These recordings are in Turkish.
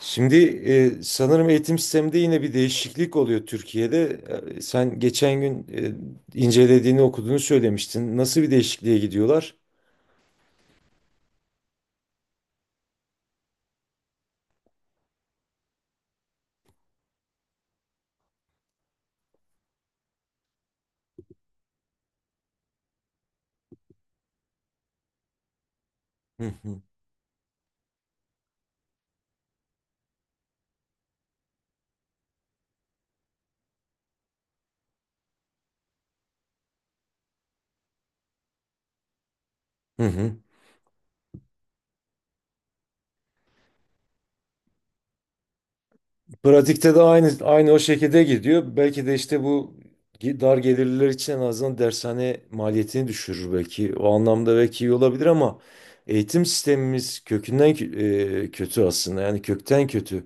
Şimdi sanırım eğitim sisteminde yine bir değişiklik oluyor Türkiye'de. Sen geçen gün incelediğini okuduğunu söylemiştin. Nasıl bir değişikliğe gidiyorlar? Hı hı. Hı hı. Pratikte de aynı aynı o şekilde gidiyor. Belki de işte bu dar gelirliler için en azından dershane maliyetini düşürür belki. O anlamda belki iyi olabilir ama eğitim sistemimiz kökünden kötü aslında. Yani kökten kötü.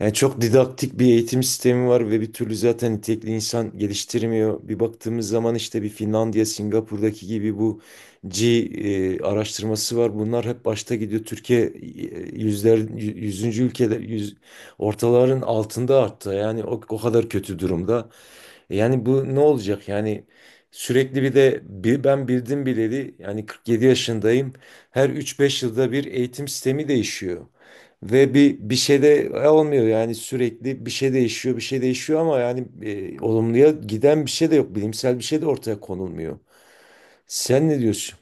Yani çok didaktik bir eğitim sistemi var ve bir türlü zaten nitelikli insan geliştirmiyor. Bir baktığımız zaman işte bir Finlandiya, Singapur'daki gibi bu araştırması var. Bunlar hep başta gidiyor. Türkiye yüzler, yüzüncü ülkeler, yüz, ortaların altında arttı. Yani o kadar kötü durumda. Yani bu ne olacak? Yani sürekli bir de ben bildim bileli yani 47 yaşındayım. Her 3-5 yılda bir eğitim sistemi değişiyor. Ve bir şey de olmuyor yani sürekli bir şey değişiyor, bir şey değişiyor ama yani olumluya giden bir şey de yok. Bilimsel bir şey de ortaya konulmuyor. Sen ne diyorsun?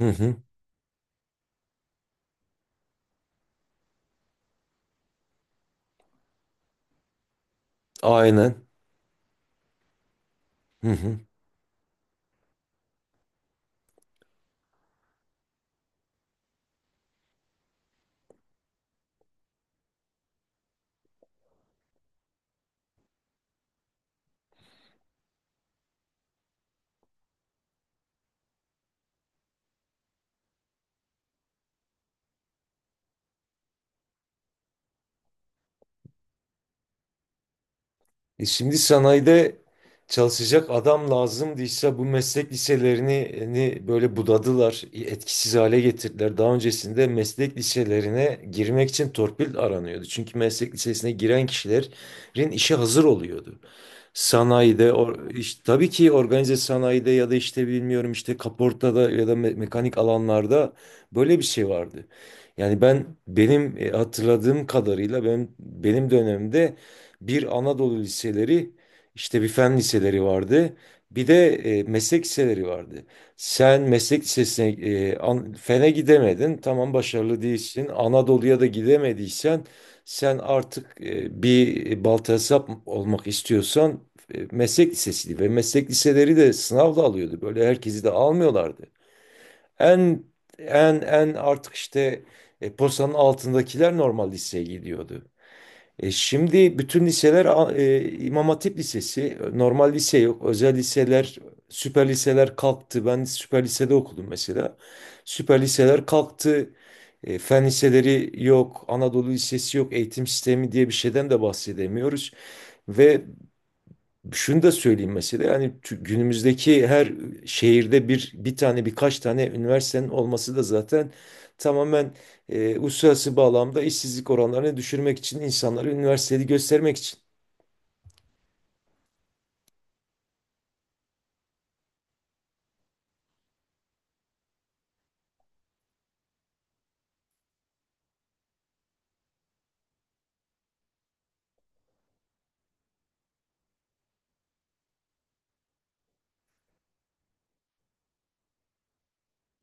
Hı hı. Aynen. Hı hı. Şimdi sanayide çalışacak adam lazım diyse bu meslek liselerini hani böyle budadılar, etkisiz hale getirdiler. Daha öncesinde meslek liselerine girmek için torpil aranıyordu. Çünkü meslek lisesine giren kişilerin işe hazır oluyordu. Sanayide, tabii ki organize sanayide ya da işte bilmiyorum işte kaportada ya da mekanik alanlarda böyle bir şey vardı. Yani benim hatırladığım kadarıyla benim dönemimde bir Anadolu liseleri işte bir fen liseleri vardı. Bir de meslek liseleri vardı. Sen meslek lisesine fene gidemedin. Tamam başarılı değilsin. Anadolu'ya da gidemediysen sen artık bir balta hesap olmak istiyorsan meslek lisesiydi ve meslek liseleri de sınavla alıyordu. Böyle herkesi de almıyorlardı. En en artık işte postanın altındakiler normal liseye gidiyordu. Şimdi bütün liseler İmam Hatip Lisesi, normal lise yok, özel liseler, süper liseler kalktı. Ben süper lisede okudum mesela. Süper liseler kalktı. Fen liseleri yok, Anadolu Lisesi yok, eğitim sistemi diye bir şeyden de bahsedemiyoruz. Ve şunu da söyleyeyim mesela yani günümüzdeki her şehirde bir tane birkaç tane üniversitenin olması da zaten tamamen uluslararası bağlamda işsizlik oranlarını düşürmek için insanları üniversiteli göstermek için.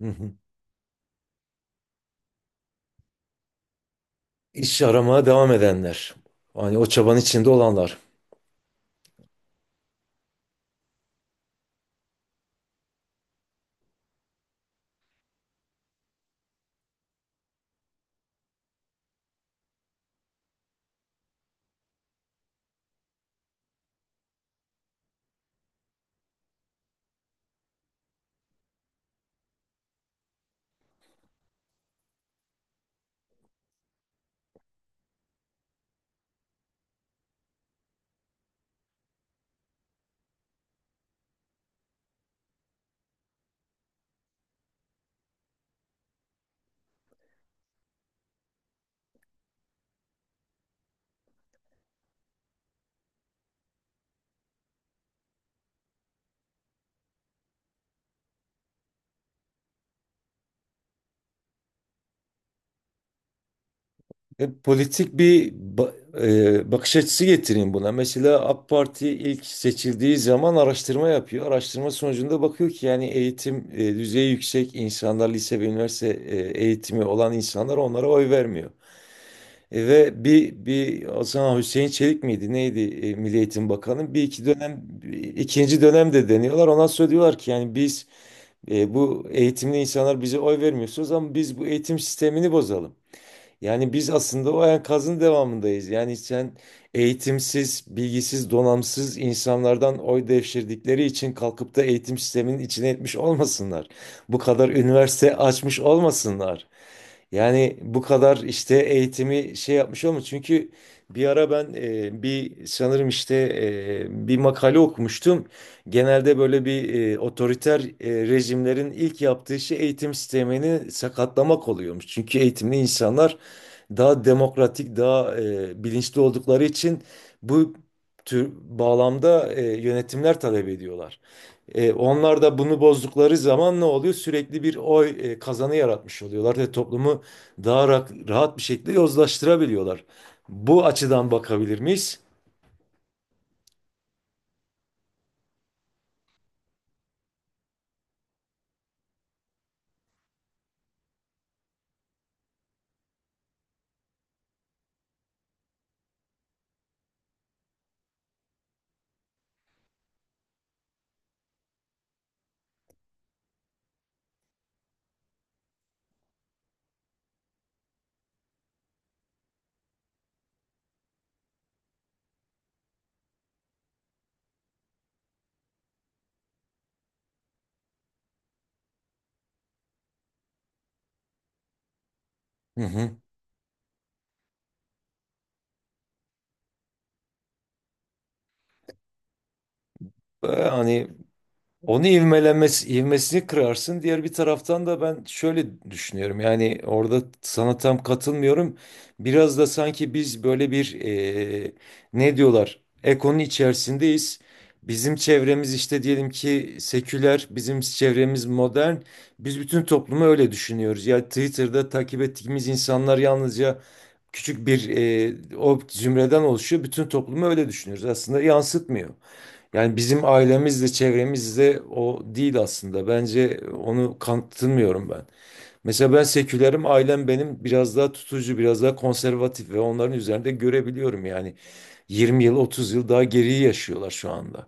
Hı hı. İş aramaya devam edenler. Hani o çabanın içinde olanlar. Politik bir bakış açısı getireyim buna. Mesela AK Parti ilk seçildiği zaman araştırma yapıyor. Araştırma sonucunda bakıyor ki yani eğitim düzeyi yüksek insanlar, lise ve üniversite eğitimi olan insanlar onlara oy vermiyor. Ve bir o zaman Hüseyin Çelik miydi? Neydi? Milli Eğitim Bakanı. Bir iki dönem ikinci dönemde deniyorlar. Ondan sonra diyorlar ki yani biz bu eğitimli insanlar bize oy vermiyorsunuz ama biz bu eğitim sistemini bozalım. Yani biz aslında o enkazın devamındayız. Yani sen eğitimsiz, bilgisiz, donamsız insanlardan oy devşirdikleri için kalkıp da eğitim sisteminin içine etmiş olmasınlar. Bu kadar üniversite açmış olmasınlar. Yani bu kadar işte eğitimi şey yapmış olmuş. Çünkü bir ara ben bir sanırım işte bir makale okumuştum. Genelde böyle bir otoriter rejimlerin ilk yaptığı şey eğitim sistemini sakatlamak oluyormuş. Çünkü eğitimli insanlar daha demokratik, daha bilinçli oldukları için bu tür bağlamda yönetimler talep ediyorlar. Onlar da bunu bozdukları zaman ne oluyor? Sürekli bir oy kazanı yaratmış oluyorlar ve toplumu daha rahat bir şekilde yozlaştırabiliyorlar. Bu açıdan bakabilir miyiz? Hı hı. Hani onu ivmelenmesi, ivmesini kırarsın. Diğer bir taraftan da ben şöyle düşünüyorum. Yani orada sana tam katılmıyorum. Biraz da sanki biz böyle bir e, ne diyorlar? Ekonun içerisindeyiz. Bizim çevremiz işte diyelim ki seküler, bizim çevremiz modern. Biz bütün toplumu öyle düşünüyoruz. Ya Twitter'da takip ettiğimiz insanlar yalnızca küçük bir o zümreden oluşuyor. Bütün toplumu öyle düşünüyoruz. Aslında yansıtmıyor. Yani bizim ailemizle çevremizle o değil aslında. Bence onu kanıtlamıyorum ben. Mesela ben sekülerim, ailem benim biraz daha tutucu, biraz daha konservatif ve onların üzerinde görebiliyorum yani. 20 yıl, 30 yıl daha geriye yaşıyorlar şu anda.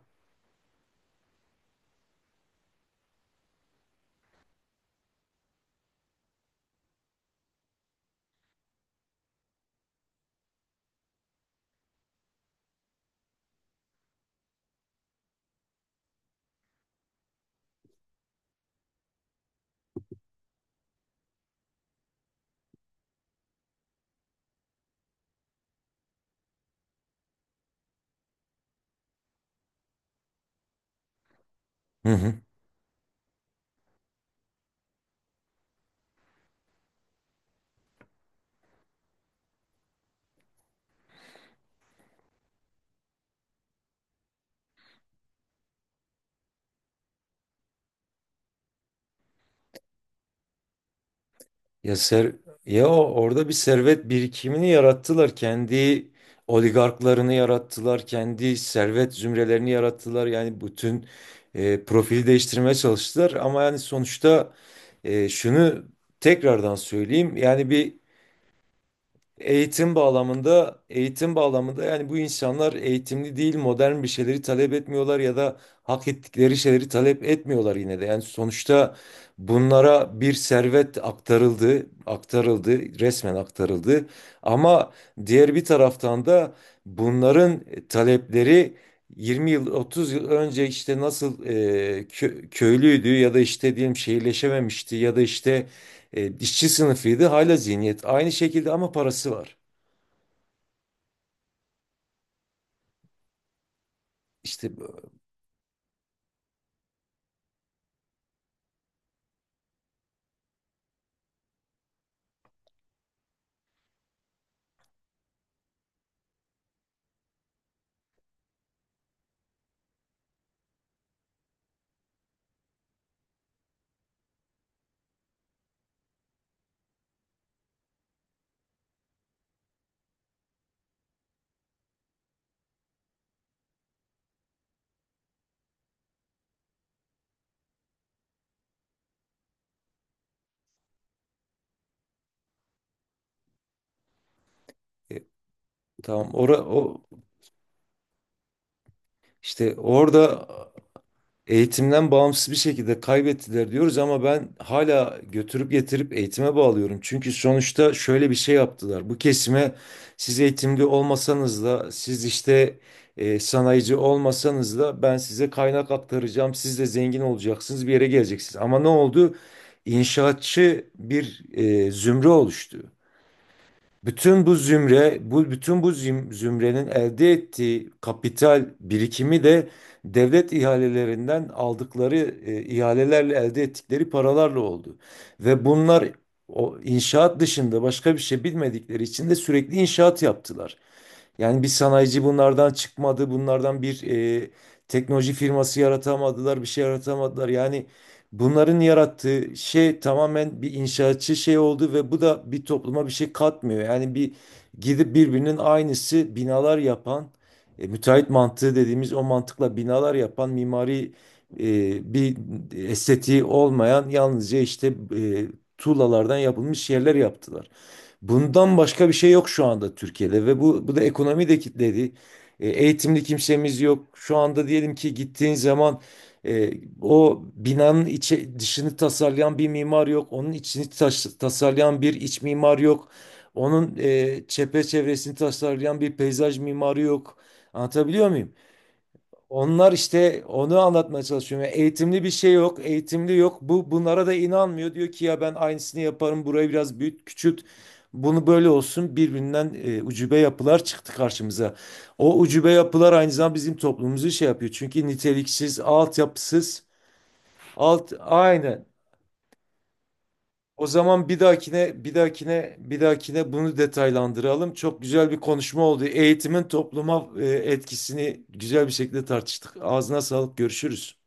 Hı hı. Ya ser orada bir servet birikimini yarattılar. Kendi oligarklarını yarattılar, kendi servet zümrelerini yarattılar. Yani bütün profili değiştirmeye çalıştılar ama yani sonuçta şunu tekrardan söyleyeyim. Yani bir Eğitim bağlamında, eğitim bağlamında yani bu insanlar eğitimli değil, modern bir şeyleri talep etmiyorlar ya da hak ettikleri şeyleri talep etmiyorlar yine de. Yani sonuçta bunlara bir servet aktarıldı, aktarıldı, resmen aktarıldı. Ama diğer bir taraftan da bunların talepleri 20 yıl, 30 yıl önce işte nasıl köylüydü ya da işte diyelim şehirleşememişti ya da işte işçi sınıfıydı hala zihniyet aynı şekilde ama parası var. İşte e, tamam ora o işte orada eğitimden bağımsız bir şekilde kaybettiler diyoruz ama ben hala götürüp getirip eğitime bağlıyorum. Çünkü sonuçta şöyle bir şey yaptılar. Bu kesime siz eğitimli olmasanız da siz işte sanayici olmasanız da ben size kaynak aktaracağım. Siz de zengin olacaksınız, bir yere geleceksiniz. Ama ne oldu? İnşaatçı bir zümre oluştu. Bütün bu zümre, bu bütün bu zümrenin elde ettiği kapital birikimi de devlet ihalelerinden aldıkları ihalelerle elde ettikleri paralarla oldu. Ve bunlar o inşaat dışında başka bir şey bilmedikleri için de sürekli inşaat yaptılar. Yani bir sanayici bunlardan çıkmadı. Bunlardan bir e, teknoloji firması yaratamadılar, bir şey yaratamadılar. Yani bunların yarattığı şey tamamen bir inşaatçı şey oldu ve bu da bir topluma bir şey katmıyor. Yani bir gidip birbirinin aynısı binalar yapan, müteahhit mantığı dediğimiz o mantıkla binalar yapan mimari bir estetiği olmayan yalnızca işte e, tuğlalardan yapılmış yerler yaptılar. Bundan başka bir şey yok şu anda Türkiye'de ve bu da ekonomi de kilitledi. Eğitimli kimsemiz yok. Şu anda diyelim ki gittiğin zaman e, o binanın içi, dışını tasarlayan bir mimar yok. Onun içini tasarlayan bir iç mimar yok. Onun çevresini tasarlayan bir peyzaj mimarı yok. Anlatabiliyor muyum? Onlar işte onu anlatmaya çalışıyorum. Yani eğitimli bir şey yok, eğitimli yok. Bu bunlara da inanmıyor. Diyor ki ya ben aynısını yaparım. Burayı biraz büyüt, küçült. Bunu böyle olsun. Birbirinden ucube yapılar çıktı karşımıza. O ucube yapılar aynı zamanda bizim toplumumuzu şey yapıyor. Çünkü niteliksiz, altyapısız, alt aynı. O zaman bir dahakine, bir dahakine, bir dahakine bunu detaylandıralım. Çok güzel bir konuşma oldu. Eğitimin topluma etkisini güzel bir şekilde tartıştık. Ağzına sağlık. Görüşürüz.